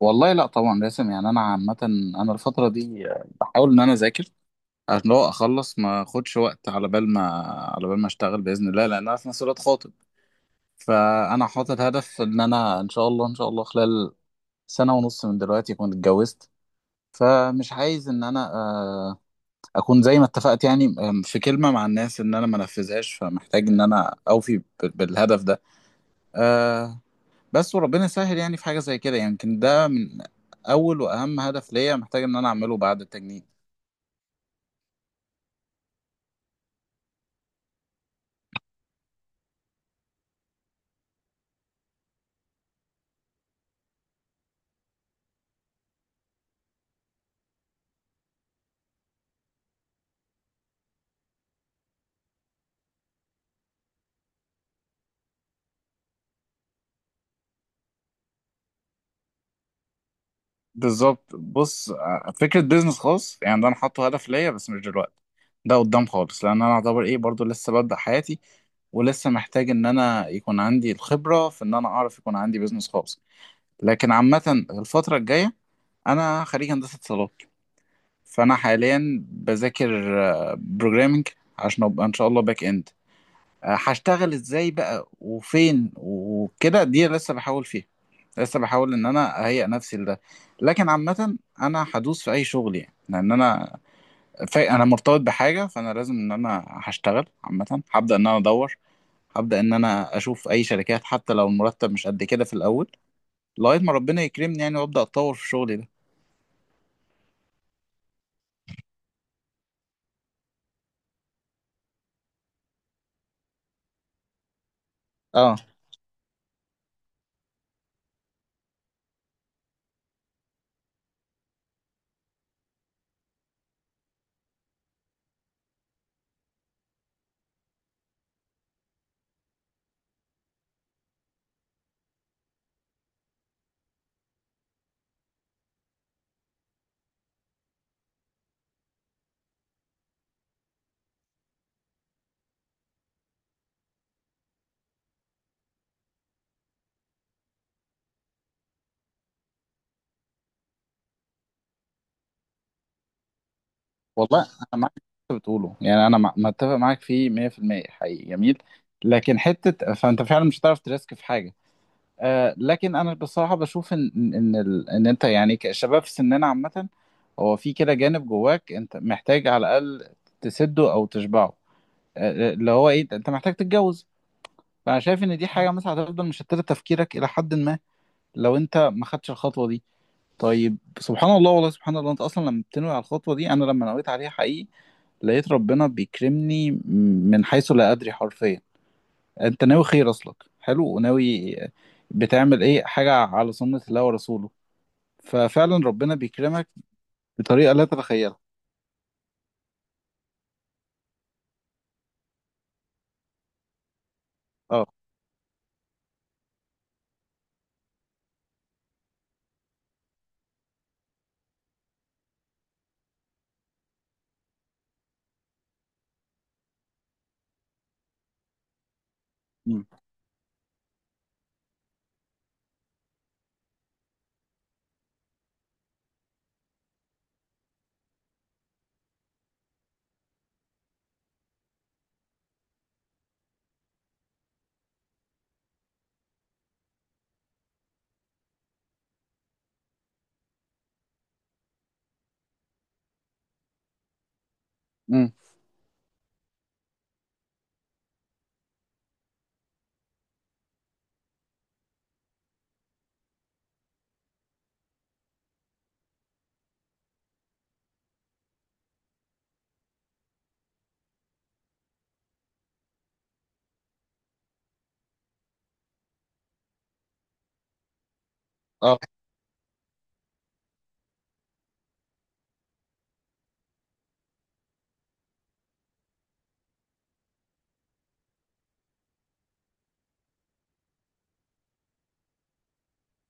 والله لا، طبعا لازم. يعني انا عامه، انا الفتره دي بحاول ان انا اذاكر عشان لو اخلص ما اخدش وقت على بال ما اشتغل باذن الله، لان انا في نفس الوقت خاطب. فانا حاطط هدف ان انا ان شاء الله ان شاء الله خلال سنه ونص من دلوقتي اكون اتجوزت. فمش عايز ان انا اكون زي ما اتفقت، يعني في كلمه مع الناس ان انا ما انفذهاش، فمحتاج ان انا اوفي بالهدف ده. آه، بس وربنا يسهل. يعني في حاجة زي كده يمكن ده من أول وأهم هدف ليا محتاج إن أنا أعمله بعد التجنيد. بالظبط. بص فكرة بيزنس خاص، يعني ده أنا حاطه هدف ليا بس مش دلوقتي، ده قدام خالص، لأن أنا أعتبر إيه برضو لسه ببدأ حياتي، ولسه محتاج إن أنا يكون عندي الخبرة في إن أنا أعرف يكون عندي بيزنس خاص. لكن عامة الفترة الجاية، أنا خريج هندسة اتصالات، فأنا حاليا بذاكر بروجرامنج عشان أبقى إن شاء الله باك إند. هشتغل ازاي بقى وفين وكده دي لسه بحاول فيها، لسه بحاول ان انا اهيئ نفسي لده. لكن عامة انا هدوس في اي شغل، يعني لان انا انا مرتبط بحاجة، فانا لازم ان انا هشتغل. عامة هبدأ ان انا ادور، هبدأ ان انا اشوف اي شركات حتى لو المرتب مش قد كده في الاول، لغاية ما ربنا يكرمني يعني وابدأ اتطور في شغلي ده. اه. والله انا معاك في اللي انت بتقوله، يعني انا متفق معاك فيه 100% حقيقي جميل. لكن حتة فانت فعلا مش هتعرف تريسك في حاجة. لكن انا بصراحه بشوف ان إن انت يعني كشباب في سننا عامه، هو في كده جانب جواك انت محتاج على الاقل تسده او تشبعه. اللي هو ايه، انت محتاج تتجوز. فانا شايف ان دي حاجه مثلا هتفضل مشتته تفكيرك الى حد ما لو انت ما خدتش الخطوه دي. طيب، سبحان الله. والله سبحان الله، انت اصلا لما بتنوي على الخطوه دي، انا لما نويت عليها حقيقي لقيت ربنا بيكرمني من حيث لا ادري حرفيا. انت ناوي خير، اصلك حلو وناوي، بتعمل ايه حاجه على سنه الله ورسوله، ففعلا ربنا بيكرمك بطريقه لا تتخيلها. اه. امم. امم. اه.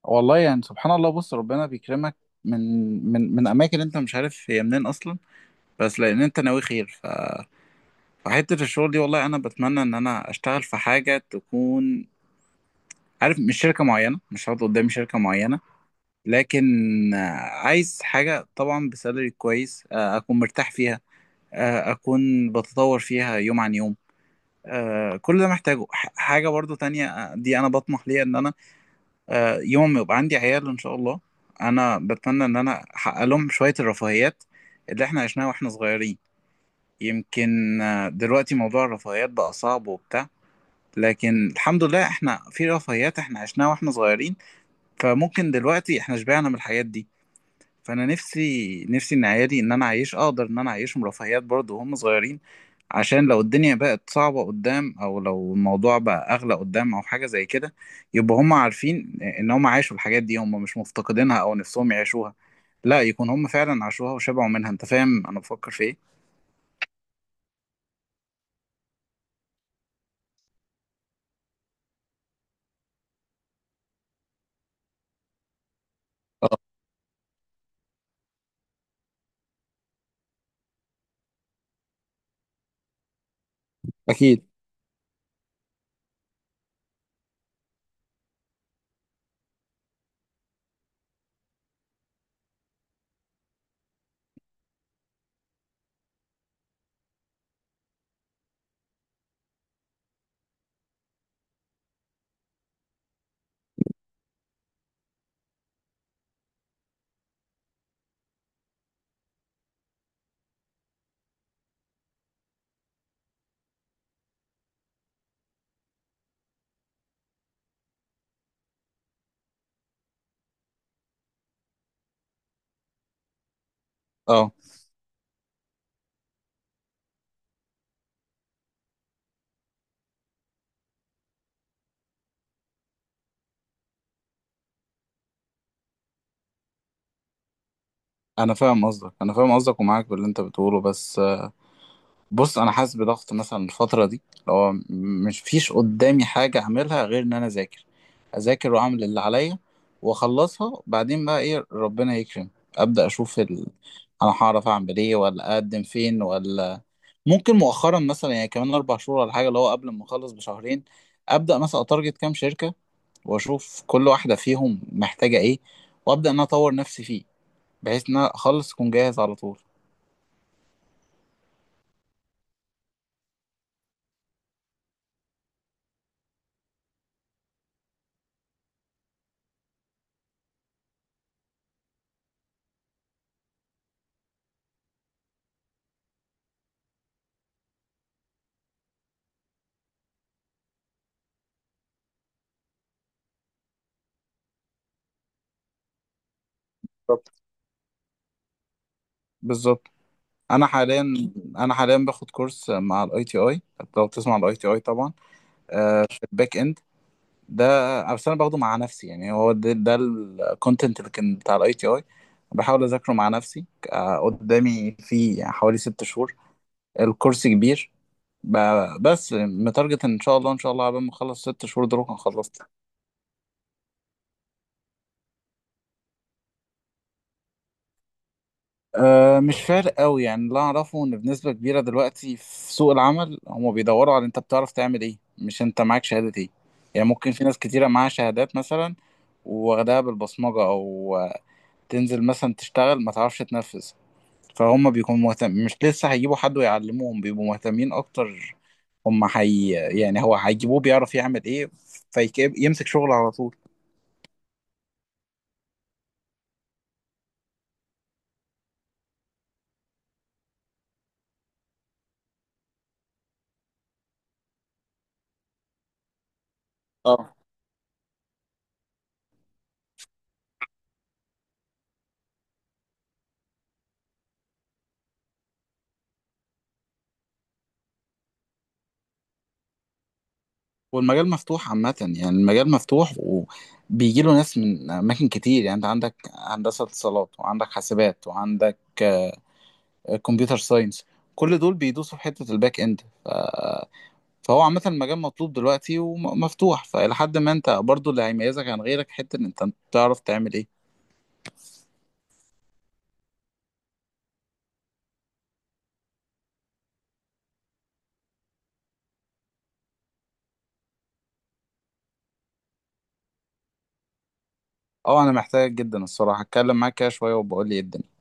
والله يعني سبحان الله، بص ربنا بيكرمك من من اماكن انت مش عارف هي منين اصلا، بس لان انت ناوي خير. فحته الشغل دي والله انا بتمنى ان انا اشتغل في حاجه تكون، عارف، مش شركه معينه، مش هقعد قدامي شركه معينه، لكن آه، عايز حاجه طبعا بسالري كويس، اكون مرتاح فيها، اكون بتطور فيها يوم عن يوم. كل ده محتاجه حاجة برضو تانية. دي انا بطمح ليها ان انا، يوم ما يبقى عندي عيال ان شاء الله، انا بتمنى ان انا احقق لهم شوية الرفاهيات اللي احنا عشناها واحنا صغيرين. يمكن دلوقتي موضوع الرفاهيات بقى صعب وبتاع، لكن الحمد لله احنا في رفاهيات احنا عشناها واحنا صغيرين، فممكن دلوقتي احنا شبعنا من الحاجات دي. فانا نفسي نفسي ان عيالي، ان انا اعيش اقدر ان انا اعيشهم رفاهيات برضه وهم صغيرين، عشان لو الدنيا بقت صعبة قدام او لو الموضوع بقى اغلى قدام او حاجة زي كده، يبقى هم عارفين ان هم عاشوا الحاجات دي، هم مش مفتقدينها او نفسهم يعيشوها، لا، يكون هم فعلا عاشوها وشبعوا منها. انت فاهم انا بفكر في ايه؟ اه. اكيد. اه. انا فاهم قصدك، انا فاهم قصدك ومعاك باللي انت بتقوله، بس بص انا حاسس بضغط مثلا الفتره دي، اللي هو مش فيش قدامي حاجه اعملها غير ان انا اذاكر، اذاكر واعمل اللي عليا واخلصها، بعدين بقى ايه، ربنا يكرم، ابدا اشوف انا هعرف اعمل ايه ولا اقدم فين. ولا ممكن مؤخرا مثلا يعني كمان 4 شهور ولا حاجه، اللي هو قبل ما اخلص بشهرين ابدا مثلا اتارجت كام شركه، واشوف كل واحده فيهم محتاجه ايه، وابدا ان أنا اطور نفسي فيه بحيث ان انا اخلص اكون جاهز على طول. بالظبط، بالظبط. انا حاليا انا حاليا باخد كورس مع الاي تي اي. لو بتسمع الاي تي اي طبعا. في الباك اند ده، بس انا باخده مع نفسي. يعني هو ده الكونتنت اللي كان بتاع الاي تي اي، بحاول اذاكره مع نفسي. قدامي في حوالي 6 شهور، الكورس كبير، بس متارجت ان شاء الله ان شاء الله قبل ما اخلص 6 شهور دول هكون خلصت. أه، مش فارق قوي. يعني اللي اعرفه ان بنسبه كبيره دلوقتي في سوق العمل هم بيدوروا على انت بتعرف تعمل ايه مش انت معاك شهاده ايه. يعني ممكن في ناس كتيره معاها شهادات مثلا واخدها بالبصمجه او تنزل مثلا تشتغل ما تعرفش تنفذ، فهم بيكونوا مهتم مش، لسه هيجيبوا حد ويعلموهم، بيبقوا مهتمين اكتر، هم حي، يعني هو هيجيبوه بيعرف يعمل ايه فيمسك شغل على طول. اه. والمجال مفتوح عامة، يعني المجال مفتوح وبيجي له ناس من أماكن كتير، يعني أنت عندك هندسة اتصالات وعندك حاسبات وعندك كمبيوتر ساينس، كل دول بيدوسوا في حتة الباك إند. فهو عامة المجال مطلوب دلوقتي ومفتوح، فإلى حد ما أنت برضو اللي هيميزك عن غيرك حتة إن أنت بتعرف تعمل إيه. أه، أنا محتاجك جدا الصراحة، أتكلم معاك كده شوية وبقول لي إيه الدنيا.